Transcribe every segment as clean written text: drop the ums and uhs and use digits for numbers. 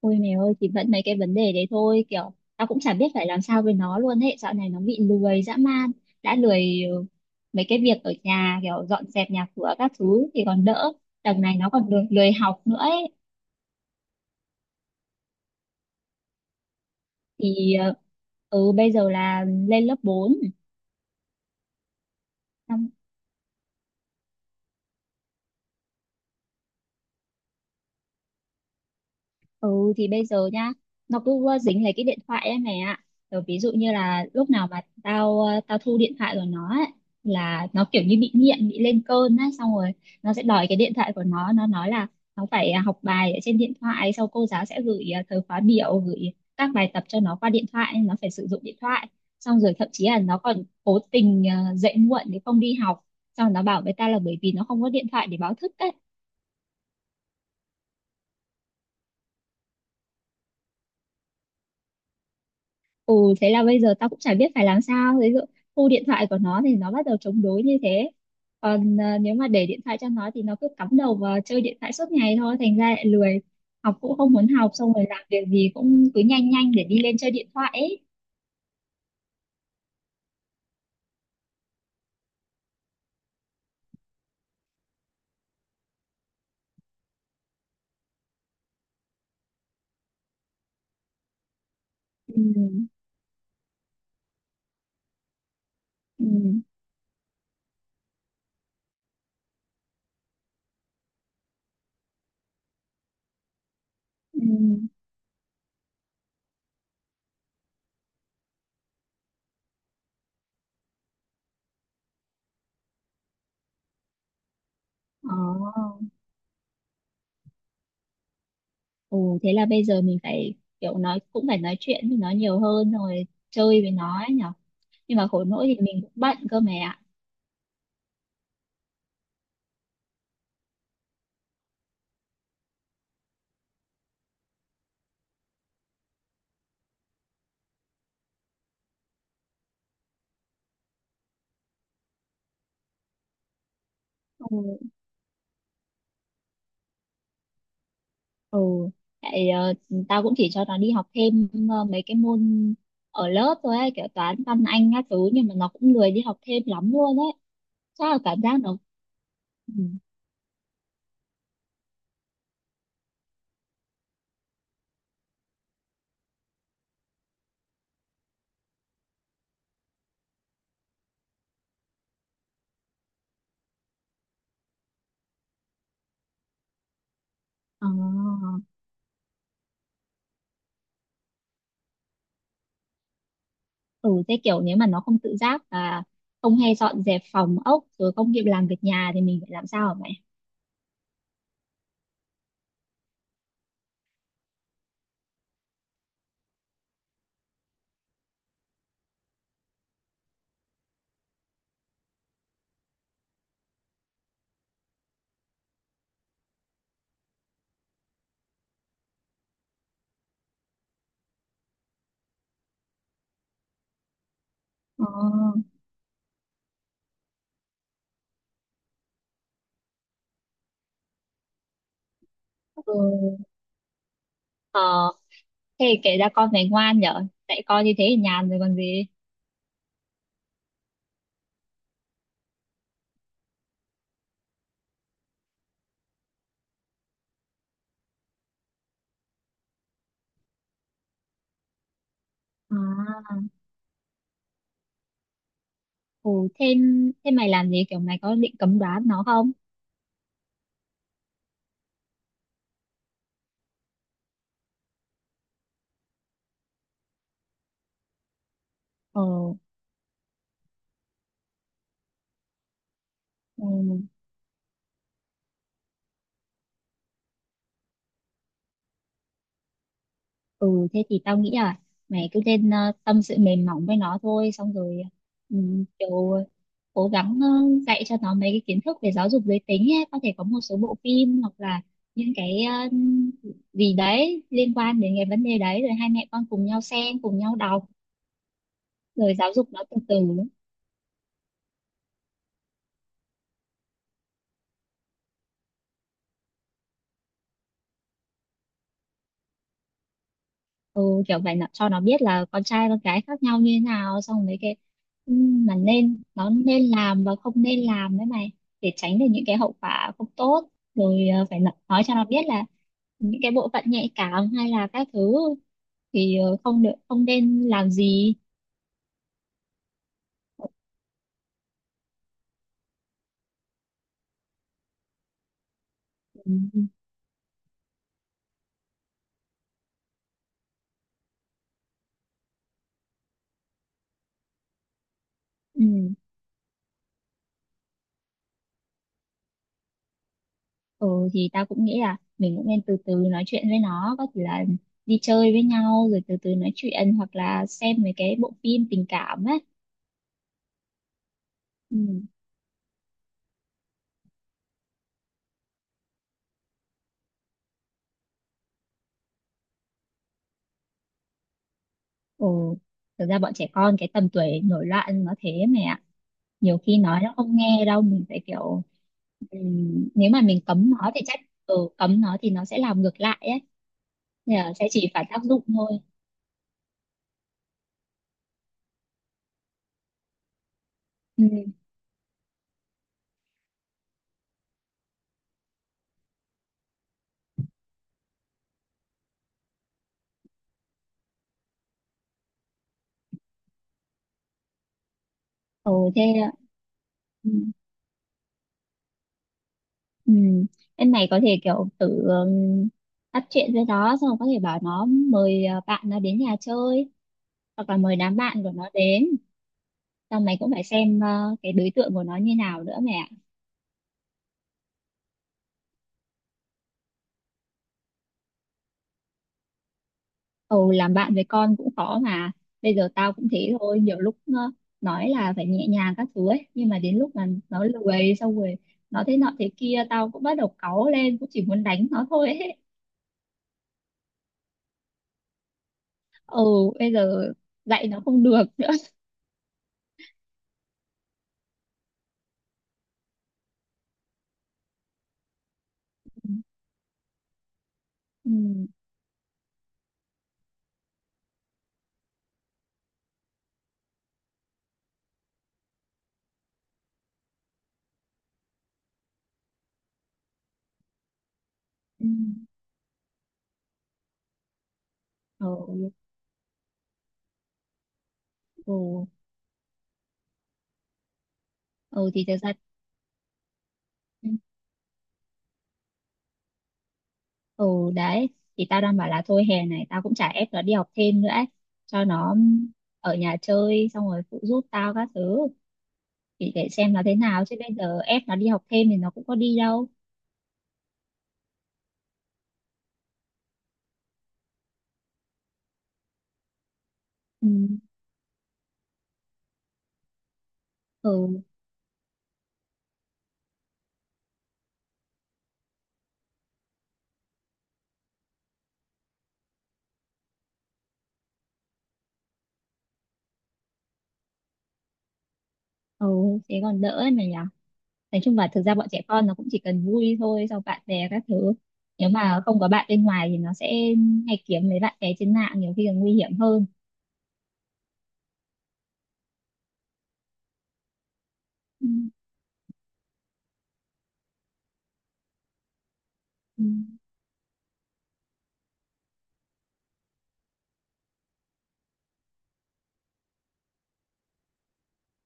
Ôi mẹ ơi, thì vẫn mấy cái vấn đề đấy thôi, kiểu tao cũng chả biết phải làm sao với nó luôn ấy, dạo này nó bị lười dã man, đã lười, mấy cái việc ở nhà kiểu dọn dẹp nhà cửa các thứ thì còn đỡ, đằng này nó còn lười, lười học nữa ấy. Thì bây giờ là lên lớp 4. Ừ thì bây giờ nhá, nó cứ dính lấy cái điện thoại ấy mày ạ. Rồi ví dụ như là lúc nào mà tao thu điện thoại của nó ấy, là nó kiểu như bị nghiện, bị lên cơn á, xong rồi nó sẽ đòi cái điện thoại của nó nói là nó phải học bài ở trên điện thoại, sau cô giáo sẽ gửi thời khóa biểu, gửi các bài tập cho nó qua điện thoại, nó phải sử dụng điện thoại. Xong rồi thậm chí là nó còn cố tình dậy muộn để không đi học, xong rồi nó bảo với ta là bởi vì nó không có điện thoại để báo thức ấy. Ừ, thế là bây giờ tao cũng chả biết phải làm sao, ví dụ thu điện thoại của nó thì nó bắt đầu chống đối như thế, còn nếu mà để điện thoại cho nó thì nó cứ cắm đầu vào chơi điện thoại suốt ngày thôi, thành ra lại lười, học cũng không muốn học, xong rồi làm việc gì cũng cứ nhanh nhanh để đi lên chơi điện thoại ấy. Ừ. Ừ. Ừ. Ờ. Ồ, thế là bây giờ mình phải kiểu nói, cũng phải nói chuyện với nó nhiều hơn rồi, chơi với nó ấy nhở. Nhưng mà khổ nỗi thì mình cũng bận cơ mẹ ạ. Ừ. Ừ, tại tao cũng chỉ cho nó đi học thêm mấy cái môn ở lớp thôi ấy, kiểu toán văn anh các thứ, nhưng mà nó cũng lười đi học thêm lắm luôn ấy. Chắc là cảm giác nó, ừ. Ờ. Ừ, thế kiểu nếu mà nó không tự giác và không hay dọn dẹp phòng ốc, rồi không kịp làm việc nhà thì mình phải làm sao hả mày? Ờ. Ừ. Ờ, thế kể ra con này ngoan nhở, tại con như thế thì nhàn rồi còn gì. À, ừ, thế mày làm gì, kiểu mày có định cấm đoán nó không? Ờ. Ừ, ừ thế thì tao nghĩ là mày cứ nên tâm sự mềm mỏng với nó thôi, xong rồi ừ, kiểu cố gắng dạy cho nó mấy cái kiến thức về giáo dục giới tính ấy. Có thể có một số bộ phim hoặc là những cái gì đấy liên quan đến cái vấn đề đấy, rồi hai mẹ con cùng nhau xem, cùng nhau đọc, rồi giáo dục nó từ từ. Ừ, kiểu vậy là cho nó biết là con trai con gái khác nhau như thế nào, xong mấy cái ừ, mà nên, nó nên làm và không nên làm đấy mày, để tránh được những cái hậu quả không tốt, rồi phải nói cho nó biết là những cái bộ phận nhạy cảm hay là các thứ thì không được, không nên làm gì. Ừ. Ừ. Ừ, thì tao cũng nghĩ là mình cũng nên từ từ nói chuyện với nó, có thể là đi chơi với nhau rồi từ từ nói chuyện, hoặc là xem mấy cái bộ phim tình cảm ấy. Ừ. Ồ, thực ra bọn trẻ con cái tầm tuổi nổi loạn nó thế mẹ ạ. Nhiều khi nói nó không nghe đâu, mình phải kiểu nếu mà mình cấm nó thì chắc cấm nó thì nó sẽ làm ngược lại ấy. Nên là sẽ chỉ phản tác dụng thôi. Ừ. Ồ thế ạ. Ừ. Ừ. Em này có thể kiểu tự bắt chuyện với nó, xong rồi có thể bảo nó mời bạn nó đến nhà chơi, hoặc là mời đám bạn của nó đến. Xong mày cũng phải xem cái đối tượng của nó như nào nữa mẹ. Ừ, làm bạn với con cũng khó mà, bây giờ tao cũng thế thôi, nhiều lúc nó nói là phải nhẹ nhàng các thứ ấy, nhưng mà đến lúc mà nó lười xong rồi nó thế nọ thế kia, tao cũng bắt đầu cáu lên, cũng chỉ muốn đánh nó thôi ấy. Ừ, bây giờ dạy nó không được nữa. Ừ. Ừ. Ừ. Ừ, ừ thì thực ra, ừ đấy, thì tao đang bảo là thôi hè này tao cũng chả ép nó đi học thêm nữa ấy, cho nó ở nhà chơi, xong rồi phụ giúp tao các thứ, thì để xem nó thế nào, chứ bây giờ ép nó đi học thêm thì nó cũng có đi đâu. Ừ. Ừ, ừ thế còn đỡ ấy mà nhỉ. Nói chung là thực ra bọn trẻ con nó cũng chỉ cần vui thôi, sau bạn bè các thứ, nếu mà không có bạn bên ngoài thì nó sẽ hay kiếm mấy bạn bè trên mạng, nhiều khi còn nguy hiểm hơn. Ừ. Ừ.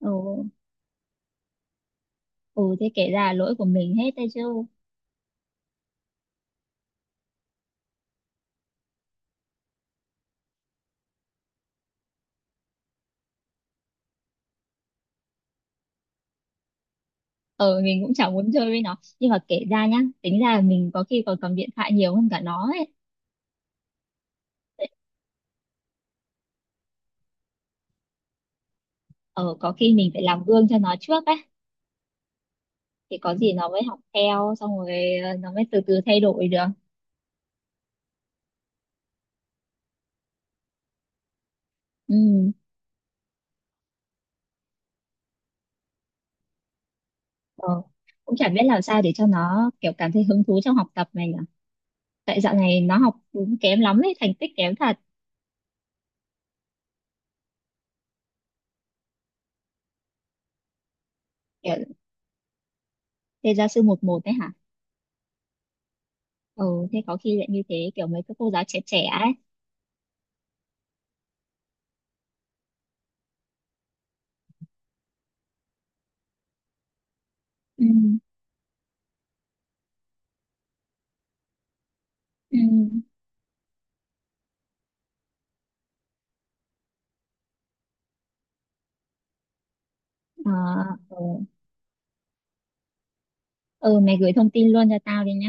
Ừ. Ừ, thế kể ra là lỗi của mình hết đấy chứ. Ờ, mình cũng chẳng muốn chơi với nó, nhưng mà kể ra nhá, tính ra là mình có khi còn cầm điện thoại nhiều hơn cả nó ấy. Ờ, có khi mình phải làm gương cho nó trước ấy, thì có gì nó mới học theo, xong rồi nó mới từ từ thay đổi được. Ừ. Ờ, cũng chả biết làm sao để cho nó kiểu cảm thấy hứng thú trong học tập này nhỉ, tại dạo này nó học cũng kém lắm ấy, thành tích kém thật. Kiểu thế gia sư một một đấy hả? Ừ, thế có khi lại như thế, kiểu mấy cái cô giáo trẻ trẻ ấy. Ừ. Ừ. Ờ. Ừ. Ừ, mày gửi thông tin luôn cho tao đi nhá.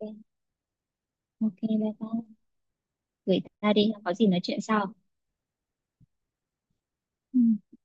Ok. Ok, bye bye, gửi tao đi, có gì nói chuyện sau. Ừ.